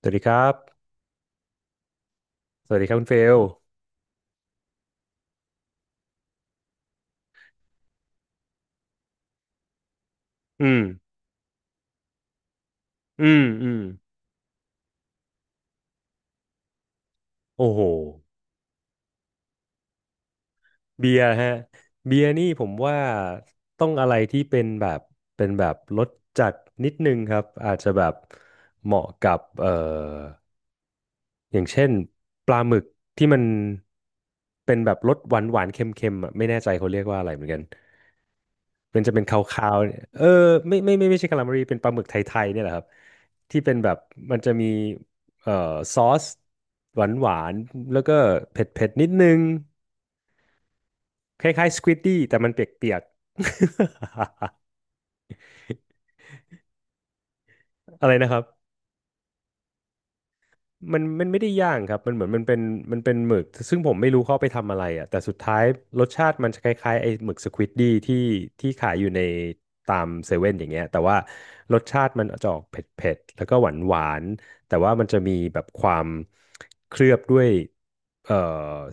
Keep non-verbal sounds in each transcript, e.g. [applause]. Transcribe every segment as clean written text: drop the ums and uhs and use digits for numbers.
สวัสดีครับ สวัสดีครับคุณเฟลอืมอืมอืมโอ้โหเบียร์ฮะเบียร์นี่ผมว่าต้องอะไรที่เป็นแบบรสจัดนิดนึงครับ อาจจะแบบเหมาะกับอย่างเช่นปลาหมึกที่มันเป็นแบบรสหวานหวานเค็มๆอ่ะไม่แน่ใจเขาเรียกว่าอะไรเหมือนกัน มันจะเป็นคาวๆเนี่ยเออไม่ใช่คาลามารีเป็นปลาหมึกไทยๆเนี่ยแหละครับที่เป็นแบบมันจะมีเอ่อซอสหวานหวานแล้วก็เผ็ดเผ็ดนิดนึงคล้ายๆสควิ d ดี้แต่มันเปียกๆ [laughs] อะไรนะครับ มันไม่ได้ย่างครับมันเหมือนมันเป็นมันเป็นหมึกซึ่งผมไม่รู้เขาเอาไปทำอะไรอ่ะแต่สุดท้ายรสชาติมันจะคล้ายๆไอ้หมึกสควิดดี้ที่ขายอยู่ในตามเซเว่นอย่างเงี้ยแต่ว่ารสชาติมันจะออกเผ็ดๆแล้วก็หวานหวานแต่ว่ามันจะมีแบบความเคลือบด้วยเอ่อ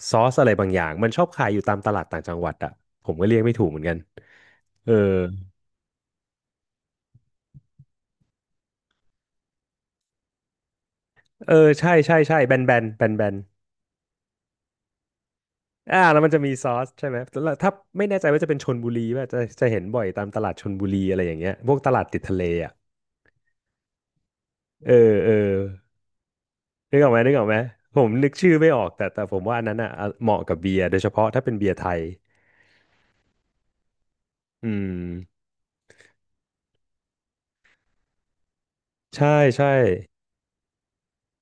ซอสอะไรบางอย่างมันชอบขายอยู่ตามตลาดต่างจังหวัดอ่ะผมก็เรียกไม่ถูกเหมือนกันเออเออใช่ใช่ใช่แบนแบนแบนแบน อ่าแล้วมันจะมีซอสใช่ไหมแล้วถ้าไม่แน่ใจว่าจะเป็นชลบุรีว่าจะเห็นบ่อยตามตลาดชลบุรีอะไรอย่างเงี้ยพวกตลาดติดทะเลอ่ะเออเออนึกออกไหมนึกออกไหมผมนึกชื่อไม่ออกแต่ผมว่าอันนั้นอ่ะเหมาะกับเบียร์โดยเฉพาะถ้าเป็นเบียร์ไทยอืมใช่ใช่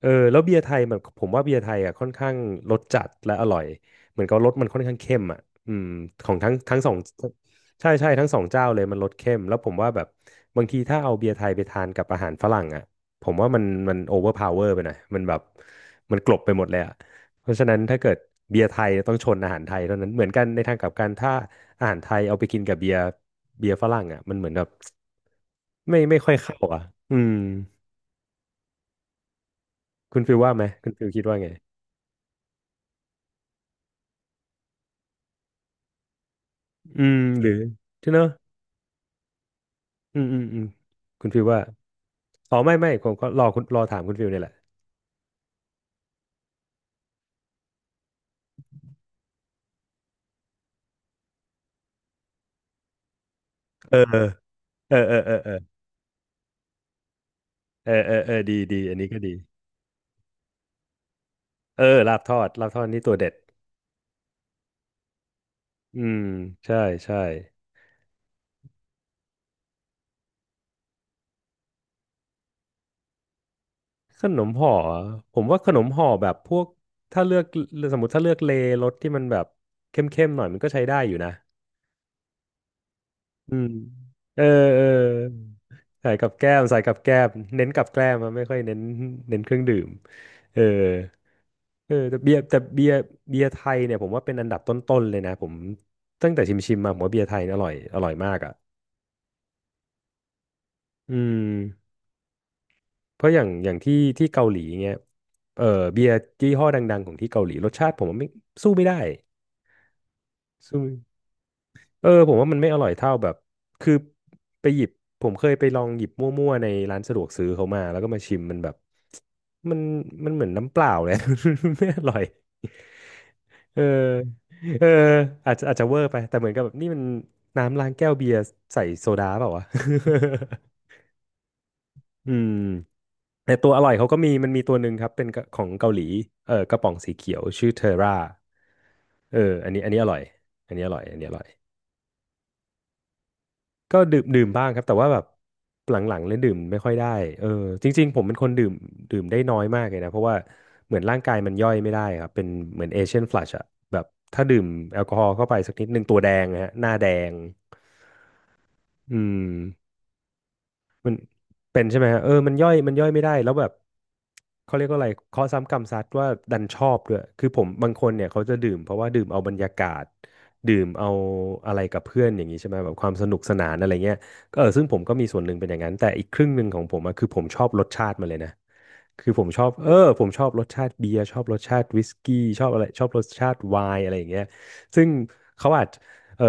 เออแล้วเบียร์ไทยมันผมว่าเบียร์ไทยอ่ะค่อนข้างรสจัดและอร่อยเหมือนกับรสมันค่อนข้างเข้มอ่ะอืมของทั้งสองใช่ใช่ทั้งสองเจ้าเลยมันรสเข้มแล้วผมว่าแบบบางทีถ้าเอาเบียร์ไทยไปทานกับอาหารฝรั่งอ่ะผมว่ามันโอเวอร์พาวเวอร์ไปหน่อยมันแบบมันกลบไปหมดเลยอ่ะเพราะฉะนั้นถ้าเกิดเบียร์ไทยต้องชนอาหารไทยเท่านั้นเหมือนกันในทางกลับกันถ้าอาหารไทยเอาไปกินกับเบียร์เบียร์ฝรั่งอ่ะมันเหมือนแบบไม่ค่อยเข้าอ่ะอืมคุณฟิลว่าไหมคุณฟิลคิดว่าไง อืมหรือใช่เนอะอืมอืมอืมคุณฟิลว่าอ๋อไม่ไม่ผมก็รอคุณรอถามคุณฟิลเนี่ยแหละเออเออเออเออเออเออเออเออดีดีอันนี้ก็ดีเออลาบทอดลาบทอดนี่ตัวเด็ดอืมใช่ใช่ขนมห่ออะผมว่าขนมห่อแบบพวกถ้าเลือกสมมติถ้าเลือกเลรสที่มันแบบเข้มๆหน่อยมันก็ใช้ได้อยู่นะอืมเออเออใส่กับแก้มใส่กับแก้มเน้นกับแก้มอะไม่ค่อยเน้นเน้นเครื่องดื่มเออ เออแต่เบียร์ไทยเนี่ยผมว่าเป็นอันดับต้นๆเลยนะผมตั้งแต่ชิมๆมาผมว่าเบียร์ไทยเนี่ยอร่อยอร่อยมากอ่ะอืมเพราะอย่างที่เกาหลีเงี้ยเออเบียร์ยี่ห้อดังๆของที่เกาหลีรสชาติผมว่าไม่สู้ไม่ได้สู้ไม่งเออผมว่ามันไม่อร่อยเท่าแบบคือไปหยิบผมเคยไปลองหยิบมั่วๆในร้านสะดวกซื้อเขามาแล้วก็มาชิมมันแบบมันมันเหมือนน้ำเปล่าเลย [laughs] ไม่อร่อย เออเอออาจจะอาจจะเวอร์ไปแต่เหมือนกับแบบนี่มันน้ำล้างแก้วเบียร์ใส่โซดาเปล่าวะ [laughs] อืมแต่ตัวอร่อยเขาก็มีมันมีตัวหนึ่งครับเป็นของเกาหลีเออกระป๋องสีเขียวชื่อเทอร่าเอออันนี้อันนี้อร่อยอันนี้อร่อยอันนี้อร่อย ก็ดื่มดื่มบ้างครับแต่ว่าแบบหลังๆเลยดื่มไม่ค่อยได้เออจริงๆผมเป็นคนดื่มดื่มได้น้อยมากเลยนะเพราะว่าเหมือนร่างกายมันย่อยไม่ได้ครับเป็นเหมือนเอเชียนฟลัชอะแบบถ้าดื่มแอลกอฮอล์เข้าไปสักนิดหนึ่งตัวแดงนะฮะหน้าแดงอืม มันเป็นใช่ไหมฮะเออมันย่อยมันย่อยไม่ได้แล้วแบบเขาเรียกว่าอะไรเคาะซ้ำกรรมซัดว่าดันชอบด้วยคือผมบางคนเนี่ยเขาจะดื่มเพราะว่าดื่มเอาบรรยากาศดื่มเอาอะไรกับเพื่อนอย่างนี้ใช่ไหมแบบความสนุกสนานอะไรเงี้ยก็เออซึ่งผมก็มีส่วนหนึ่งเป็นอย่างนั้นแต่อีกครึ่งหนึ่งของผมอะคือผมชอบรสชาติมันเลยนะ คือผมชอบผมชอบรสชาติเบียร์ชอบรสชาติวิสกี้ชอบอะไรชอบรสชาติไวน์อะไรอย่างเงี้ยซึ่งเขาอาจเออ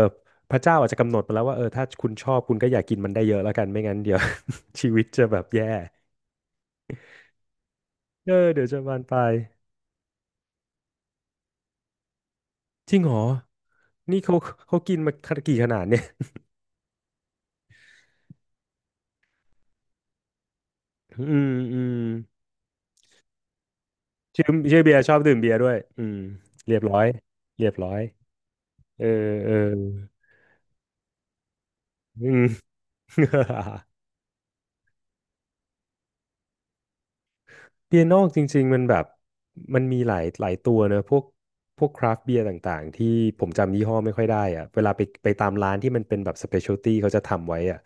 พระเจ้าอาจจะกำหนดมาแล้วว่าเออถ้าคุณชอบคุณก็อย่ากินมันได้เยอะแล้วกันไม่งั้นเดี๋ยว [laughs] ชีวิตจะแบบแย่เออเดี๋ยวจะบานปลายจริงเหรอนี่เขากินมากี่ขนาดเนี่ยอืมชื่อชื่อเบียร์ชอบดื่มเบียร์ด้วยอืมเรียบร้อยเรียบร้อยเออเอออืม [laughs] เปียโนจริงๆมันแบบมันมีหลายตัวเนอะพวกคราฟต์เบียร์ต่างๆที่ผมจำยี่ห้อไม่ค่อยได้อะเวลาไปตามร้านที่มันเป็นแบบสเปเชียลตี้เขาจะทำไว้อะ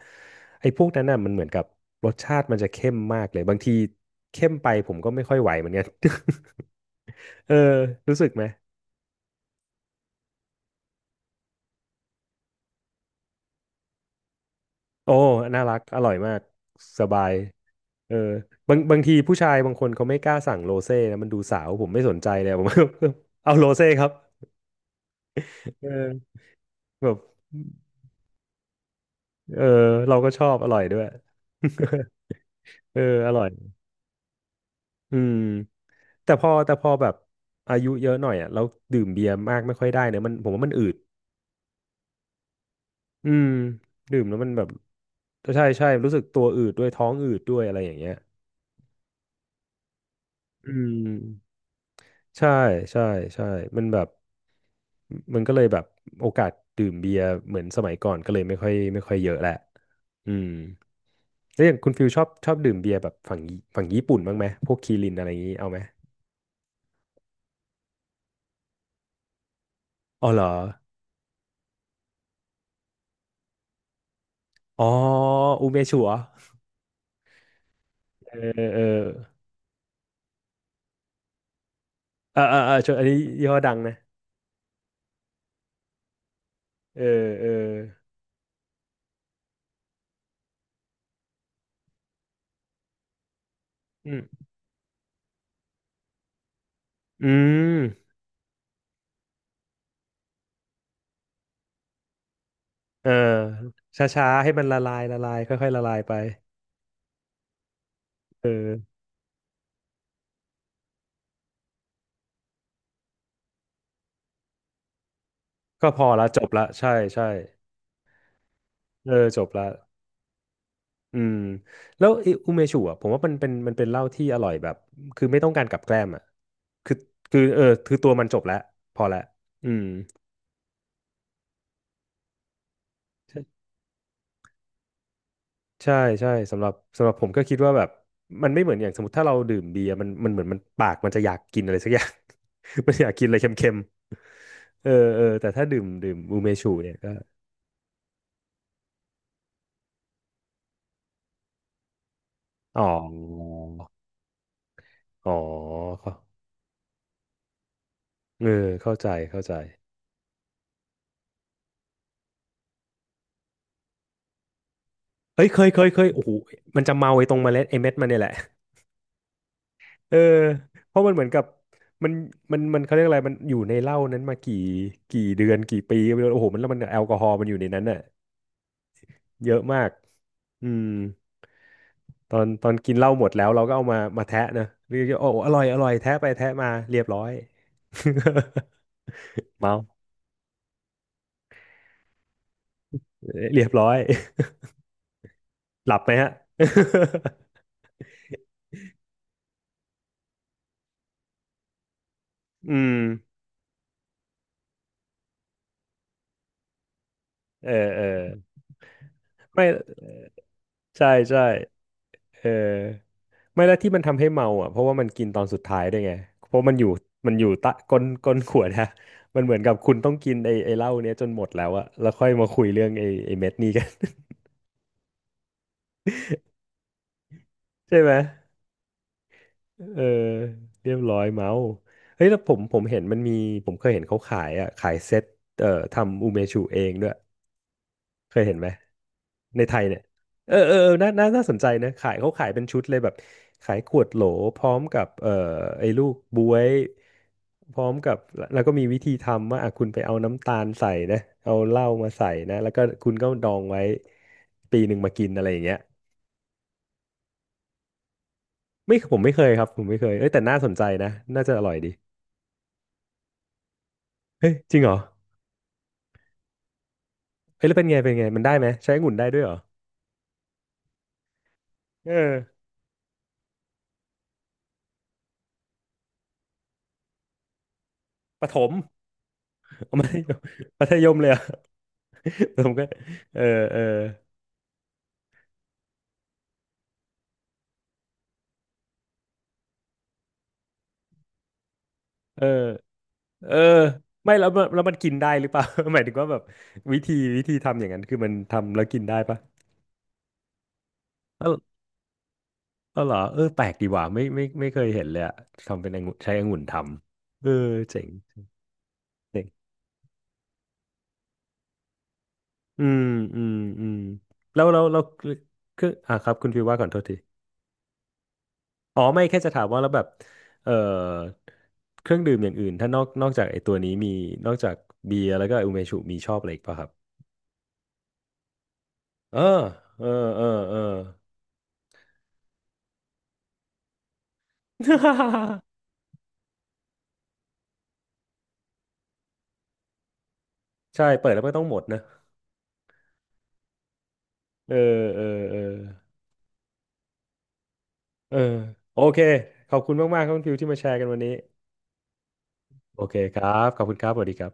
ไอ้พวกนั้นน่ะมันเหมือนกับรสชาติมันจะเข้มมากเลยบางทีเข้มไปผมก็ไม่ค่อยไหวเหมือนกัน [laughs] เออรู้สึกไหมโอ้น่ารักอร่อยมากสบายเออบางทีผู้ชายบางคนเขาไม่กล้าสั่งโรเซ่นะมันดูสาวผมไม่สนใจเลยผม [laughs] เอาโรเซ่ครับเออแบบ เออเราก็ชอบอร่อยด้วย [laughs] เอออร่อยอืมแต่พอแบบอายุเยอะหน่อยอ่ะเราดื่มเบียร์มากไม่ค่อยได้เนี่ยมันผมว่ามันอืดอืมดื่มแล้วมันแบบใช่ใช่รู้สึกตัวอืดด้วยท้องอืดด้วยอะไรอย่างเงี้ยอืมใช่ใช่ใช่มันแบบมันก็เลยแบบโอกาสดื่มเบียร์เหมือนสมัยก่อนก็เลยไม่ค่อยเยอะแหละอืมแล้วอย่างคุณฟิลชอบชอบดื่มเบียร์แบบฝั่งญี่ปุ่นบ้างไหมพวกคีรินอะไรอย่างงี้เอาไหมอ๋อเหรอ อ๋ออูเมชัวเออเออเออเออเออชวนอันนี้ยี่ห้อดังนะเออเอออืมอืมเออช้าๆให้มันละลายละลายค่อยๆละลายไปเออก็พอละจบละใช่ใช่เออจบละอืมแล้วไอ้อูเมชัวผมว่ามันเป็นมันเป็นเหล้าที่อร่อยแบบคือไม่ต้องการกับแกล้มอ่ะคือคือเออคือตัวมันจบแล้วพอละอืม ใช่ใช่สำหรับผมก็คิดว่าแบบมันไม่เหมือนอย่างสมมติถ้าเราดื่มเบียร์มันเหมือนมันปากมันจะอยากกินอะไรสักอย่าง [laughs] มันอยากกินอะไรเค็มๆเออเออแต่ถ้าดื่มอูเมชูเนี่ยก็อ๋ออ๋อเข้าเออเข้าใจเข้าใจเอ้ยเคยเคยโอ้โหมันจะเมาไอ้ตรงเมล็ดไอ้เม็ดมันเนี่ยแหละเออเพราะมันเหมือนกับมันเขาเรียกอะไรมันอยู่ในเหล้านั้นมากี่เดือนกี่ปีก็ไม่รู้โอ้โหมันแล้วมันแอลกอฮอล์มันอยู่ในนั้นน่ะเยอะมากอืม ตอนกินเหล้าหมดแล้วเราก็เอามาแทะนะเรียกว่าโอ้อร่อยอร่อยแทะไปแทะมาเรียบร้อย [laughs] เมาเรียบร้อยหลับไหมฮะ [laughs] อืมเออเออไม่ใช่ใช่เออไม่แล้วที่มันทำให้เมาอ่ะเพราะว่ามันกินตอนสุดท้ายด้วยไงเพราะมันอยู่มันอยู่ตะก้นก้นขวดฮะมันเหมือนกับคุณต้องกินไอ้เหล้าเนี้ยจนหมดแล้วอะแล้วค่อยมาคุยเรื่องไอ้เม็ดนี้กัน [laughs] ใช่ไหม เออเรียบร้อยเมาส์เฮ้ยแล้วผมเห็นมันมีผมเคยเห็นเขาขายอ่ะขายเซ็ตทำอูเมชูเองด้วยเคยเห็นไหมในไทยเนี่ยเออเออเออน่าสนใจนะขายเขาขายเป็นชุดเลยแบบขายขวดโหลพร้อมกับไอ้ลูกบ๊วยพร้อมกับแล้วก็มีวิธีทำว่าอ่ะคุณไปเอาน้ำตาลใส่นะเอาเหล้ามาใส่นะแล้วก็คุณก็ดองไว้ปีหนึ่งมากินอะไรอย่างเงี้ยไม่ผมไม่เคยครับผมไม่เคยเอ้ยแต่น่าสนใจนะน่าจะอร่อยดีเฮ้ยจริงเหรอ เฮ้ยแล้วเป็นไงมันได้ไหมใช้องุ่นได้ด้วยเหรอเออประถม [laughs] เอามัธยมมัธยมเลยเหรอ่ะ [laughs] ผมก็เออเออเออเออไม่แล้วมันกินได้หรือเปล่า [laughs] หมายถึงว่าแบบวิธีทำอย่างนั้นคือมันทำแล้วกินได้ปะเออเออเหรอเออแปลกดีว่ะไม่เคยเห็นเลยอะทำเป็นองุ่นใช้องุ่นทำเออเจ๋งเจ๋งอืมอืมอืมแล้วคืออ่ะครับคุณฟิวว่าก่อนโทษที อ๋อไม่แค่จะถามว่าแล้วแบบเอ่อเครื่องดื่มอย่างอื่นถ้านอกจากไอ้ตัวนี้มีนอกจากเบียร์แล้วก็อุเมชุมีชอบอะไรอีกป่ะครับเออเออเออเออ [laughs] ใช่เปิดแล้วก็ต้องหมดนะเออเออเออเออโอเคขอบคุณมากๆครับคุณฟิวที่มาแชร์กันวันนี้โอเคครับขอบคุณครับสวัสดีครับ